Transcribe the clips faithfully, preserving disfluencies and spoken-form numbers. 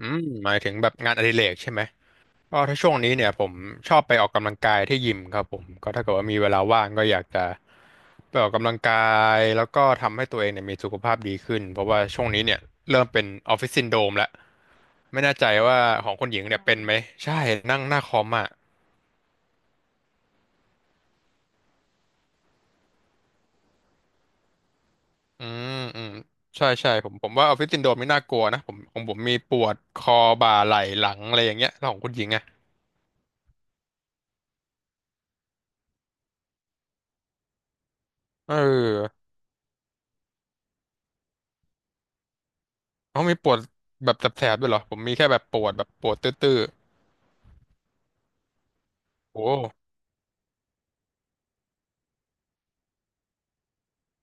อืมหมายถึงแบบงานอดิเรกใช่ไหมก็ถ้าช่วงนี้เนี่ยผมชอบไปออกกำลังกายที่ยิมครับผมก็ถ้าเกิดว่ามีเวลาว่างก็อยากจะไปออกกำลังกายแล้วก็ทำให้ตัวเองเนี่ยมีสุขภาพดีขึ้นเพราะว่าช่วงนี้เนี่ยเริ่มเป็นออฟฟิศซินโดรมแล้วไม่แน่ใจว่าของคนหญิงเนี่ยเป็นไหมใช่นั่งหน้าคอมอ่ะอืมอืมใช่ใช่ผมผมว่าออฟฟิศซินโดรมไม่น่ากลัวนะผมของผมมีปวดคอบ่าไหล่หลังอะไรอย่างเงี้ยแล้วของคุณหญิงอ่ะเออเขามีปวดแบบแสบๆด้วยเหรอผมมีแค่แบบปวดแบบปวดตื้อๆ โอ้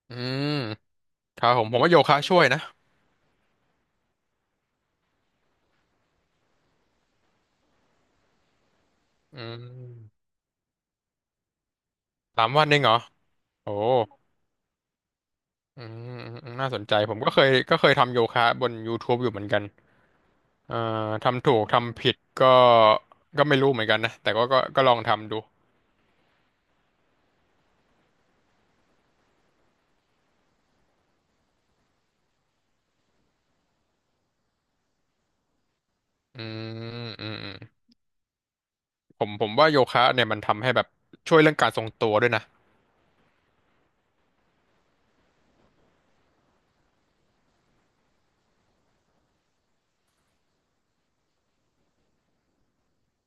อืมครับผมผมว่าโยคะช่วยนะอืมสามวันเองเหรอโอ้อืมอืมอืมน่าสนใจผมก็เคยก็เคยทำโยคะบน ยูทูป อยู่เหมือนกัน เอ่อทำถูกทำผิดก็ก็ไม่รู้เหมือนกันนะ แต่ก็ก็ก็ลองทำดูอืมอืมอืมผมผมว่าโยคะเนี่ยมันทำให้แบบช่วยเรื่องการทรงตัวด้วยนะ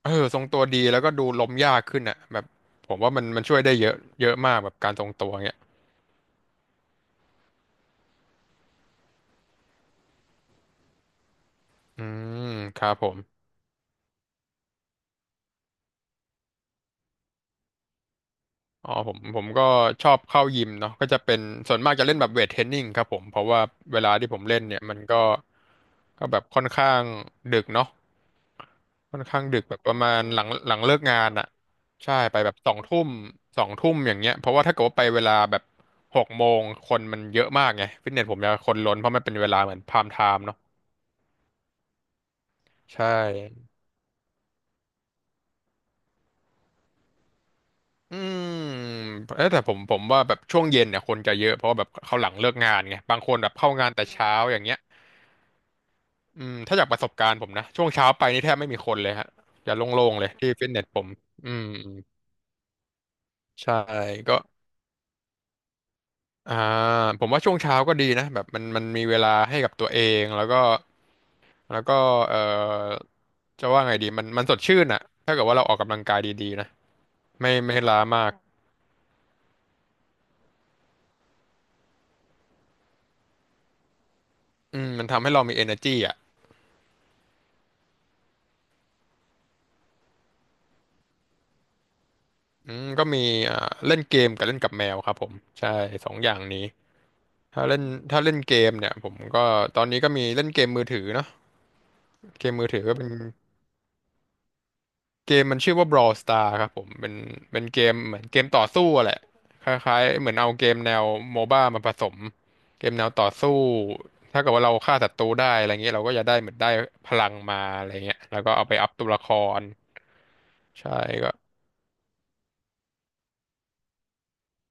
เออทรงตัวดีแล้วก็ดูล้มยากขึ้นอ่ะแบบผมว่ามันมันช่วยได้เยอะเยอะมากแบบการทรงตัวเงี้ยอืมครับผม อ๋อผมผมก็ชอบเข้ายิมเนาะก็จะเป็นส่วนมากจะเล่นแบบเวทเทรนนิ่งครับผมเพราะว่าเวลาที่ผมเล่นเนี่ยมันก็ก็แบบค่อนข้างดึกเนาะค่อนข้างดึกแบบประมาณหลังหลังเลิกงานอ่ะใช่ไปแบบสองทุ่มสองทุ่มอย่างเงี้ยเพราะว่าถ้าเกิดว่าไปเวลาแบบหกโมงคนมันเยอะมากไงฟิตเนสผมจะคนล้นเพราะมันเป็นเวลาเหมือนพามไทม์เนาะใช่อืมเอ๊ะแต่ผมผมว่าแบบช่วงเย็นเนี่ยคนจะเยอะเพราะว่าแบบเขาหลังเลิกงานไงบางคนแบบเข้างานแต่เช้าอย่างเงี้ย อืมถ้าจากประสบการณ์ผมนะช่วงเช้าไปนี่แทบไม่มีคนเลยฮะจะโล่งๆเลยที่ฟิตเนสผมอืมอืมใช่ก็อ่าผมว่าช่วงเช้าก็ดีนะแบบมันมันมีเวลาให้กับตัวเองแล้วก็แล้วก็เอ่อจะว่าไงดีมันมันสดชื่นอะถ้าเกิดว่าเราออกกำลังกายดีๆนะไม่ไม่ล้ามากอืมมันทำให้เรามี เอเนอร์จี้ อ่ะอืมก็มีอ่าเล่นเกมกับเล่นกับแมวครับผมใช่สองอย่างนี้ถ้าเล่นถ้าเล่นเกมเนี่ยผมก็ตอนนี้ก็มีเล่นเกมมือถือเนาะ เกมมือถือก็เป็นเกมมันชื่อว่า บรอลสตาร์ ครับผมเป็นเป็นเกมเหมือนเกมต่อสู้อะแหละคล้ายๆเหมือนเอาเกมแนวโมบ้ามาผสมเกมแนวต่อสู้ถ้าเกิดว่าเราฆ่าศัตรูได้อะไรเงี้ยเราก็จะได้เหมือนได้พลังมาอะไรเงี้ยแล้วก็เอาไปอัพตัวละครใช่ก็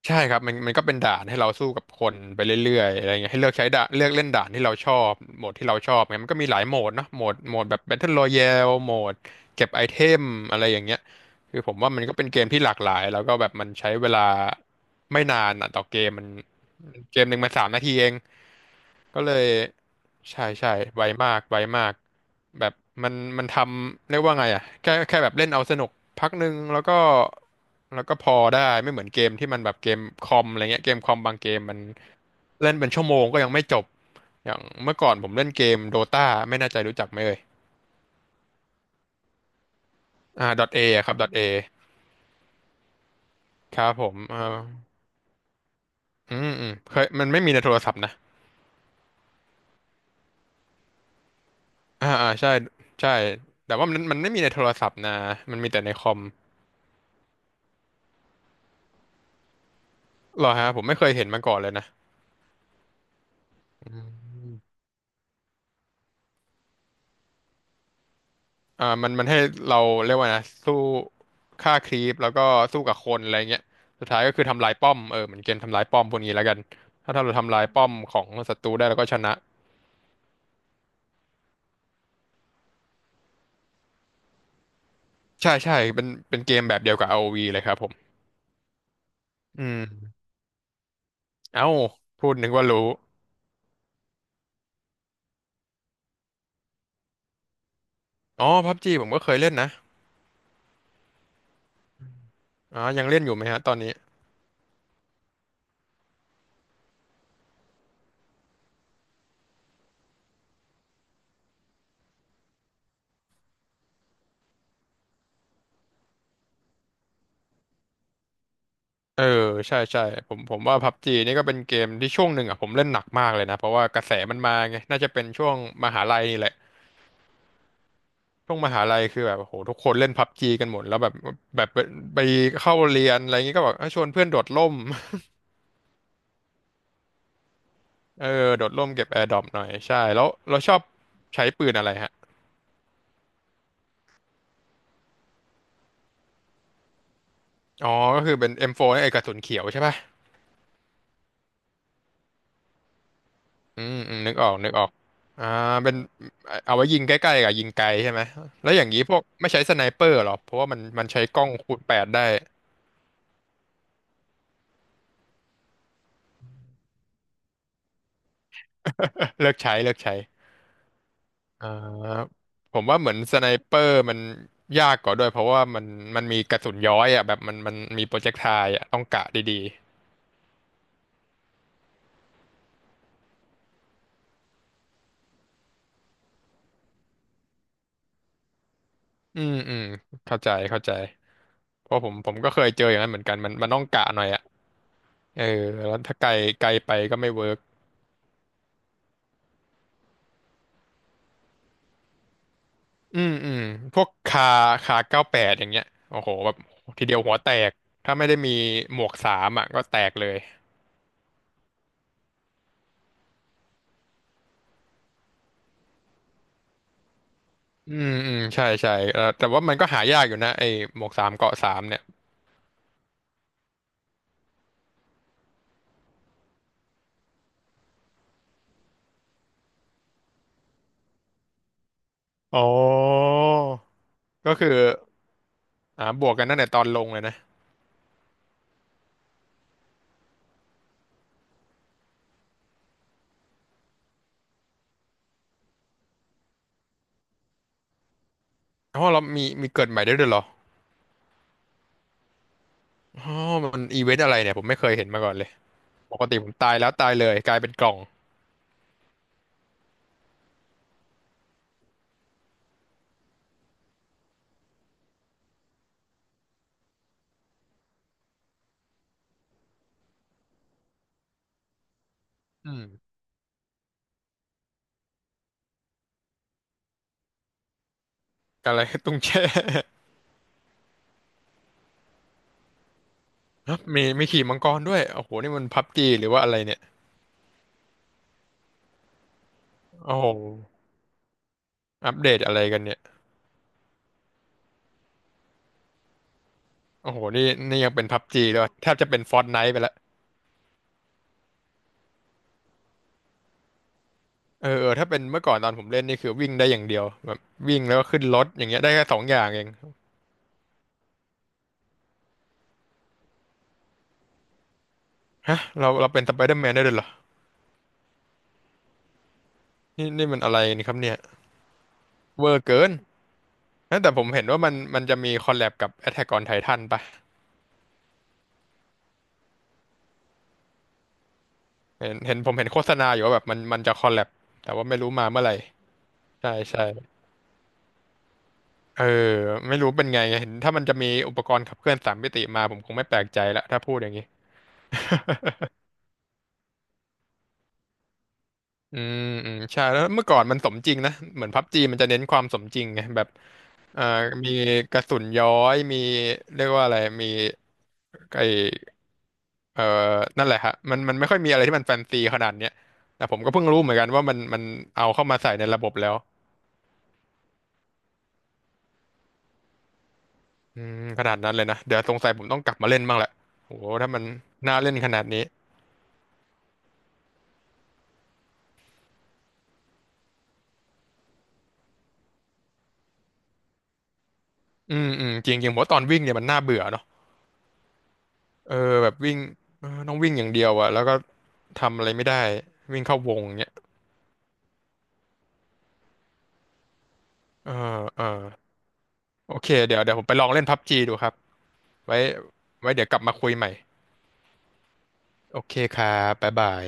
ใช่ครับมันมันก็เป็นด่านให้เราสู้กับคนไปเรื่อยๆอะไรเงี้ยให้เลือกใช้ด่านเลือกเล่นด่านที่เราชอบโหมดที่เราชอบไงมันก็มีหลายโหมดเนาะโหมดโหมดแบบ แบทเทิลรอยัล โหมดเก็บไอเทมอะไรอย่างเงี้ยคือผมว่ามันก็เป็นเกมที่หลากหลายแล้วก็แบบมันใช้เวลาไม่นานอะต่อเกมมัน เกมหนึ่งมันสามนาทีเองก็เลยใช่ใช่ไวมากไวมากแบบมันมันทำเรียกว่าไงอ่ะแค่แค่แบบเล่นเอาสนุกพักหนึ่งแล้วก็แล้วก็พอได้ไม่เหมือนเกมที่มันแบบเกมคอมอะไรเงี้ยเกมคอมบางเกมมันเล่นเป็นชั่วโมงก็ยังไม่จบอย่างเมื่อก่อนผมเล่นเกมโดตาไม่แน่ใจรู้จักไหมเอ่ยอ่า .A อะครับ โดตา ครับผมเอ่าออืมอืมเคยมันไม่มีในโทรศัพท์นะ อ่าอ่าใช่ใช่แต่ว่ามันมันไม่มีในโทรศัพท์นะมันมีแต่ในคอมเหรอฮะผมไม่เคยเห็นมาก่อนเลยนะอืมอ่ามันมันให้เราเรียกว่านะสู้ฆ่าครีปแล้วก็สู้กับคนอะไรเงี้ยสุดท้ายก็คือทำลายป้อมเออเหมือนเกมทำลายป้อมพวกนี้แล้วกันถ้าเราทำลายป้อมของศัตรูได้เราก็ชนะใช่ใช่เป็นเป็นเกมแบบเดียวกับ อาร์ โอ วีเลยครับผมอืมเอ้าพูดนึกว่ารู้อ๋อพับจีผมก็เคยเล่นนะอ๋อยังเล่นอยู่ไหมฮะตอนนี้ เออใช่ใช่ผมผมว่าพับจีนี่ก็เป็นเกมที่ช่วงหนึ่งอ่ะผมเล่นหนักมากเลยนะเพราะว่ากระแสมันมาไงน่าจะเป็นช่วงมหาลัยนี่แหละช่วงมหาลัยคือแบบโอ้โหทุกคนเล่นพับจีกันหมดแล้วแบบแบบไปไปเข้าเรียนอะไรอย่างงี้ก็แบบเอ้ยชวนเพื่อนโดดร่ม เออโดดร่มเก็บแอร์ดรอปหน่อยใช่แล้วเราชอบใช้ปืนอะไรฮะอ๋อก็คือเป็น เอ็ม โฟร์ ไอ้กระสุนเขียวใช่ป่ะอืมอืมนึกออกนึกออกอ่าเป็นเอาไว้ยิงใกล้ๆกับยิงไกลใช่ไหมแล้วอย่างนี้พวกไม่ใช้สไนเปอร์หรอเพราะว่ามันมันใช้กล้องคูณแปดได้ เลิกใช้เลิกใช้เอ่อผมว่าเหมือนสไนเปอร์มันยากกว่าด้วยเพราะว่ามันมันมีกระสุนย้อยอ่ะแบบมันมันมีโปรเจกไทล์อ่ะต้องกะดีๆ อืมอืมเข้าใจเข้าใจเพราะผมผมก็เคยเจออย่างนั้นเหมือนกันมันมันต้องกะหน่อยอ่ะเออแล้วถ้าไกลไกลไปก็ไม่เวิร์กอืมอืมพวกคาคาเก้าแปดอย่างเงี้ยโอ้โหแบบทีเดียวหัวแตกถ้าไม่ได้มีหมวกสามอ่ะก็แตกเลยอืมอืมใช่ใช่เอ่อแต่ว่ามันก็หายากอยู่นะไอ้หมวกสามเกาะสามเนี่ย อ๋อก็คืออ่าบวกกันตั้งแต่ตอนลงเลยนะ เพราะเรามีมีเกิดใหม่ได้ด้วยเหรออ๋อมันอีเวนต์อะไรเนี่ยผมไม่เคยเห็นมาก่อนเลย ปกติผมตายแล้วตายเลยกลายเป็นกล่อง อืมอะไรตุ้งแช่ มีมีขี่มังกรด้วยโอ้โหนี่มันพับจีหรือว่าอะไรเนี่ยโอ้โหอัปเดตอะไรกันเนี่ยโอ้โหนี่นี่ยังเป็นพับจีด้วยแทบจะเป็นฟอร์ n ไน e ์ไปละเออเออ ถ้าเป็นเมื่อก่อนตอนผมเล่นนี่คือวิ่งได้อย่างเดียวแบบวิ่งแล้วก็ขึ้นรถอย่างเงี้ยได้แค่สองอย่างเองฮะเราเราเป็นสไปเดอร์แมนได้ด้วยเหรอ นี่นี่มันอะไรนี่ครับเนี่ยเวอร์เกินนะแต่ผมเห็นว่ามันมันจะมีคอลแลบกับ Attack on Titan ปะเห็นเห็นผมเห็นโฆษณาอยู่ว่าแบบมันมันจะคอลแลบแต่ว่าไม่รู้มาเมื่อไหร่ใช่ใช่เออไม่รู้เป็นไงเห็นถ้ามันจะมีอุปกรณ์ขับเคลื่อนสามมิติมาผมคงไม่แปลกใจละถ้าพูดอย่างนี้อืมอืมใช่แล้วเมื่อก่อนมันสมจริงนะเหมือนพับจีมันจะเน้นความสมจริงไงแบบเอ่อมีกระสุนย้อยมีเรียกว่าอะไรมีไอ เออนั่นแหละฮะมันมันไม่ค่อยมีอะไรที่มันแฟนซีขนาดเนี้ยแต่ผมก็เพิ่งรู้เหมือนกันว่ามันมันเอาเข้ามาใส่ในระบบแล้วอืมขนาดนั้นเลยนะ เดี๋ยวสงสัยผมต้องกลับมาเล่นบ้างแหละโหถ้ามันน่าเล่นขนาดนี้อืมอืมจริงจริงผมว่าตอนวิ่งเนี่ยมันน่าเบื่อเนาะเออแบบวิ่งเออต้องวิ่งอย่างเดียวอะแล้วก็ทำอะไรไม่ได้วิ่งเข้าวงเนี้ยเออเออโอเคเดี๋ยวเดี๋ยวผมไปลองเล่นพับจีดูครับไว้ไว้เดี๋ยวกลับมาคุยใหม่โอเคครับบ๊ายบาย